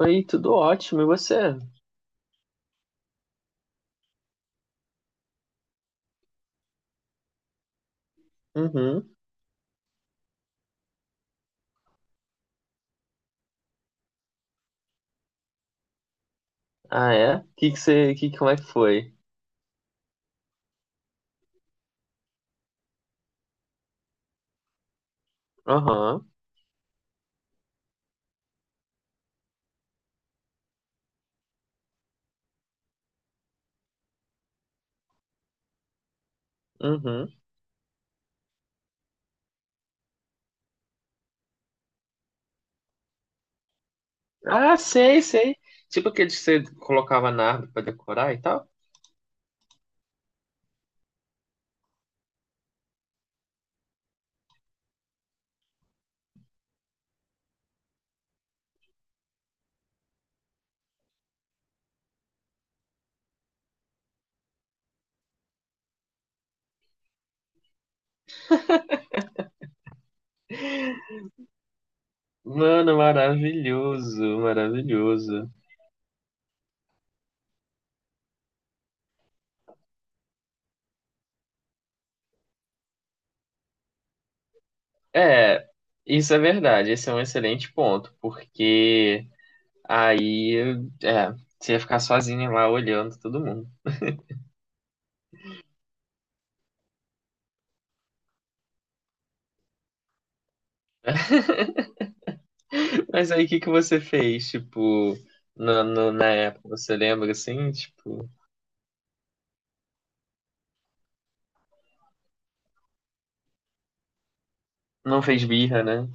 Oi, tudo ótimo, e você? Uhum. Ah, é? Que você, como é que foi? Aham. Uhum. Ah, sei, sei. Tipo aquele que você colocava na árvore pra decorar e tal? Mano, maravilhoso, maravilhoso. É, isso é verdade. Esse é um excelente ponto, porque aí, é, você ia ficar sozinha lá olhando todo mundo. Mas aí, o que que você fez, tipo, na época? Você lembra assim? Tipo, não fez birra, né?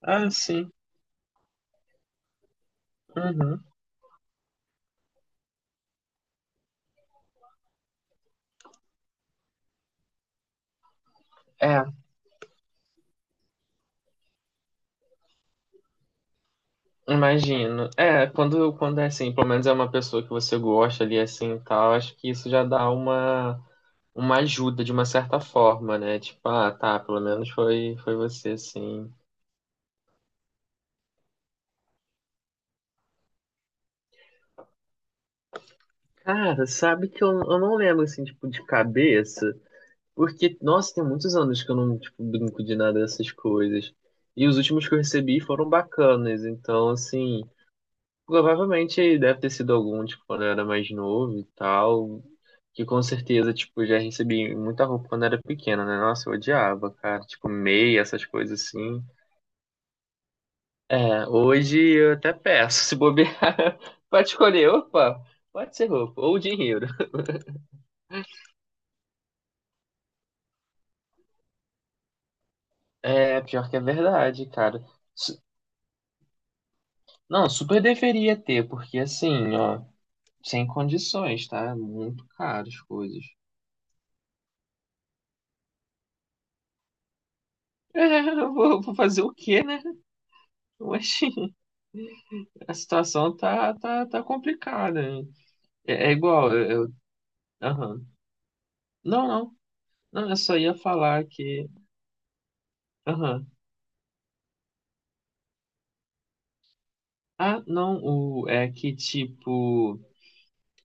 Ah, sim. Uhum. É, imagino. É, quando é assim, pelo menos é uma pessoa que você gosta ali assim e tal, acho que isso já dá uma ajuda de uma certa forma, né? Tipo, ah, tá, pelo menos foi você, assim. Cara, sabe que eu não lembro, assim, tipo, de cabeça, porque, nossa, tem muitos anos que eu não, tipo, brinco de nada dessas coisas. E os últimos que eu recebi foram bacanas, então, assim, provavelmente deve ter sido algum, tipo, quando eu era mais novo e tal, que com certeza, tipo, eu já recebi muita roupa quando era pequena, né? Nossa, eu odiava, cara, tipo, meia, essas coisas assim. É, hoje eu até peço, se bobear, pode escolher, opa, pode ser roupa, ou dinheiro. É, pior que é verdade, cara. Su- Não, super deveria ter, porque assim, ó, sem condições, tá? É muito caro as coisas. É, eu vou fazer o quê, né? Mas a situação tá complicada. Hein? É igual, aham. Não, não, não, eu só ia falar que, aham. Ah, não, é que tipo,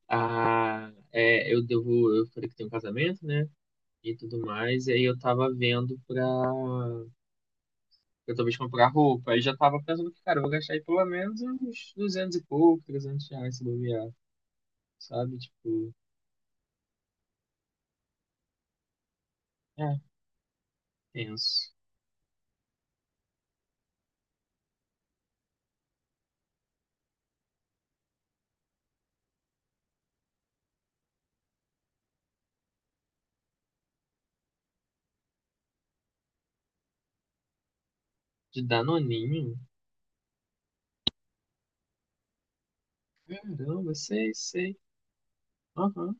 eu falei que tem um casamento, né? E tudo mais, e aí eu tava vendo pra eu talvez comprar roupa. Aí já tava pensando que, cara, eu vou gastar aí pelo menos uns 200 e pouco, 300 reais se bobear, sabe? Tipo, é, penso. De Danoninho? Caramba, sei, sei. Aham.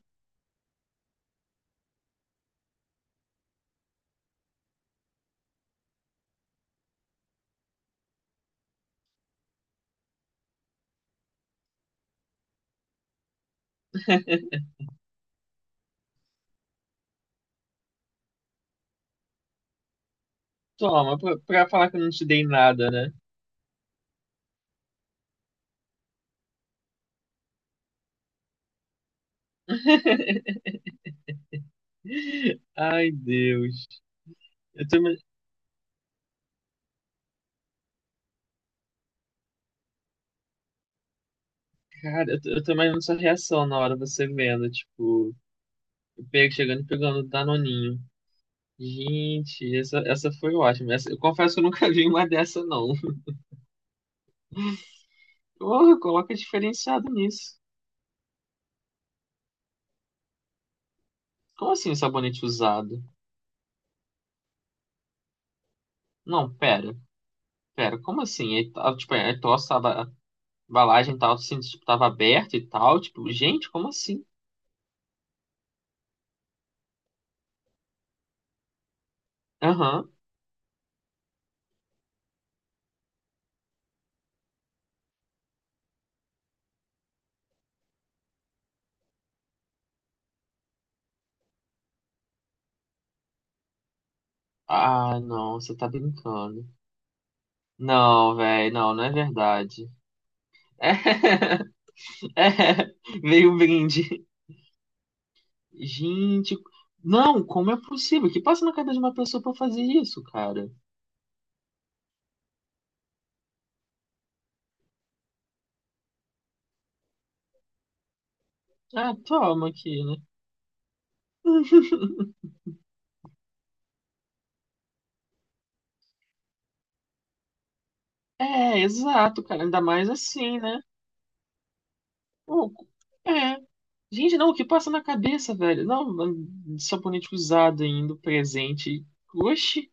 Toma, pra falar que eu não te dei nada, né? Ai, Deus. Eu tô, ima- Cara, eu tô imaginando sua reação na hora você vendo, tipo, chegando e pegando Danoninho. Gente, essa foi ótima. Essa, eu confesso que eu nunca vi uma dessa, não. Porra, coloca diferenciado nisso. Como assim sabonete usado? Não, pera, pera, como assim? Ele, tipo, a tosse tava, a embalagem tava, assim, tipo, tava aberta e tal, tipo, gente, como assim? Aham. Ah, não, você tá brincando. Não, velho, não, não é verdade. É, veio o brinde. Gente, não, como é possível? O que passa na cabeça de uma pessoa pra fazer isso, cara? Ah, toma aqui, né? É, exato, cara, ainda mais assim, né? Não, é. Gente, não, o que passa na cabeça, velho? Não, sabonete usado ainda, presente. Oxi,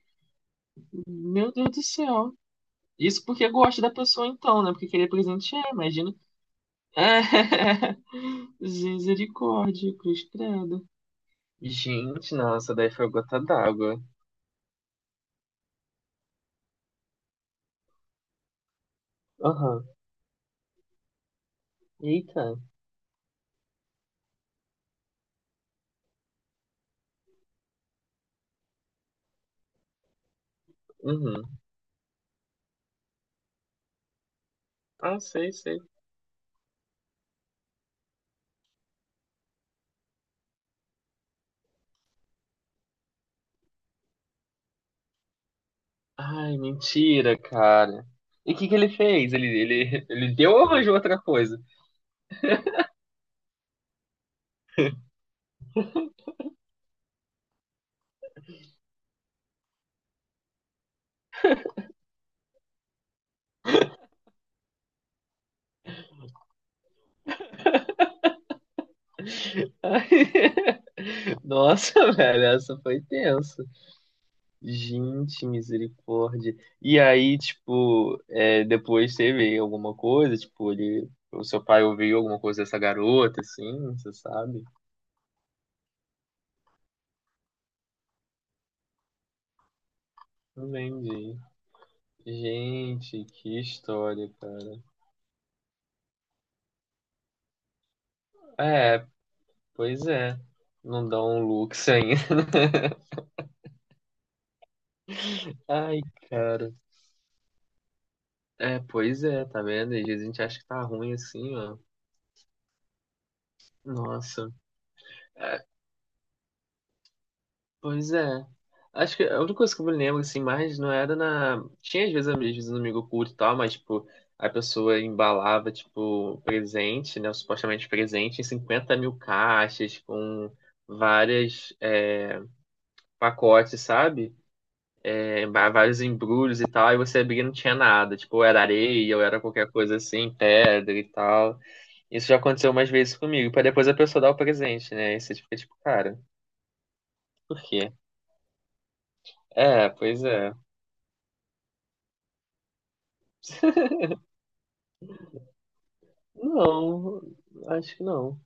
meu Deus do céu. Isso porque gosta da pessoa então, né? Porque querer presentear, imagina. É. Misericórdia, cruz credo. Gente, nossa, daí foi a gota d'água. Aham. Eita. Uhum. Ah, sei, sei. Ai, mentira, cara. E o que que ele fez? Ele deu ou arranjou outra coisa? Nossa, velho, essa foi tenso. Gente, misericórdia. E aí, tipo, depois teve alguma coisa, tipo, o seu pai ouviu alguma coisa dessa garota, assim, você sabe? Não entendi. Gente, que história, cara. É, pois é. Não dá um lux ainda. Ai, cara. É, pois é, tá vendo? Às vezes a gente acha que tá ruim assim, ó. Nossa. É, pois é. Acho que a única coisa que eu me lembro, assim, mais não era na. Tinha às vezes um amigo oculto e tal, mas, tipo, a pessoa embalava, tipo, presente, né? Supostamente presente em 50 mil caixas, com várias pacotes, sabe? É, vários embrulhos e tal, e você abria e não tinha nada. Tipo, ou era areia, ou era qualquer coisa assim, pedra e tal. Isso já aconteceu umas vezes comigo, pra depois a pessoa dar o presente, né? E você fica tipo, cara, por quê? É, pois é. Não, acho que não.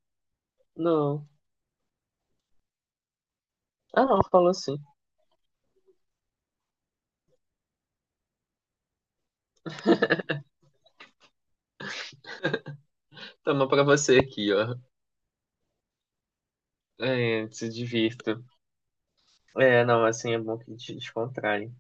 Não. Ah, não, falou assim. Toma pra você aqui, ó. É, se divirta. É, não, assim é bom que te descontrai.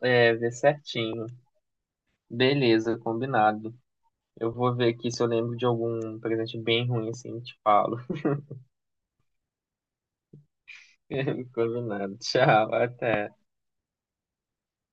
É, vê certinho. Beleza, combinado. Eu vou ver aqui se eu lembro de algum presente bem ruim assim, te falo. Combinado. Tchau, até.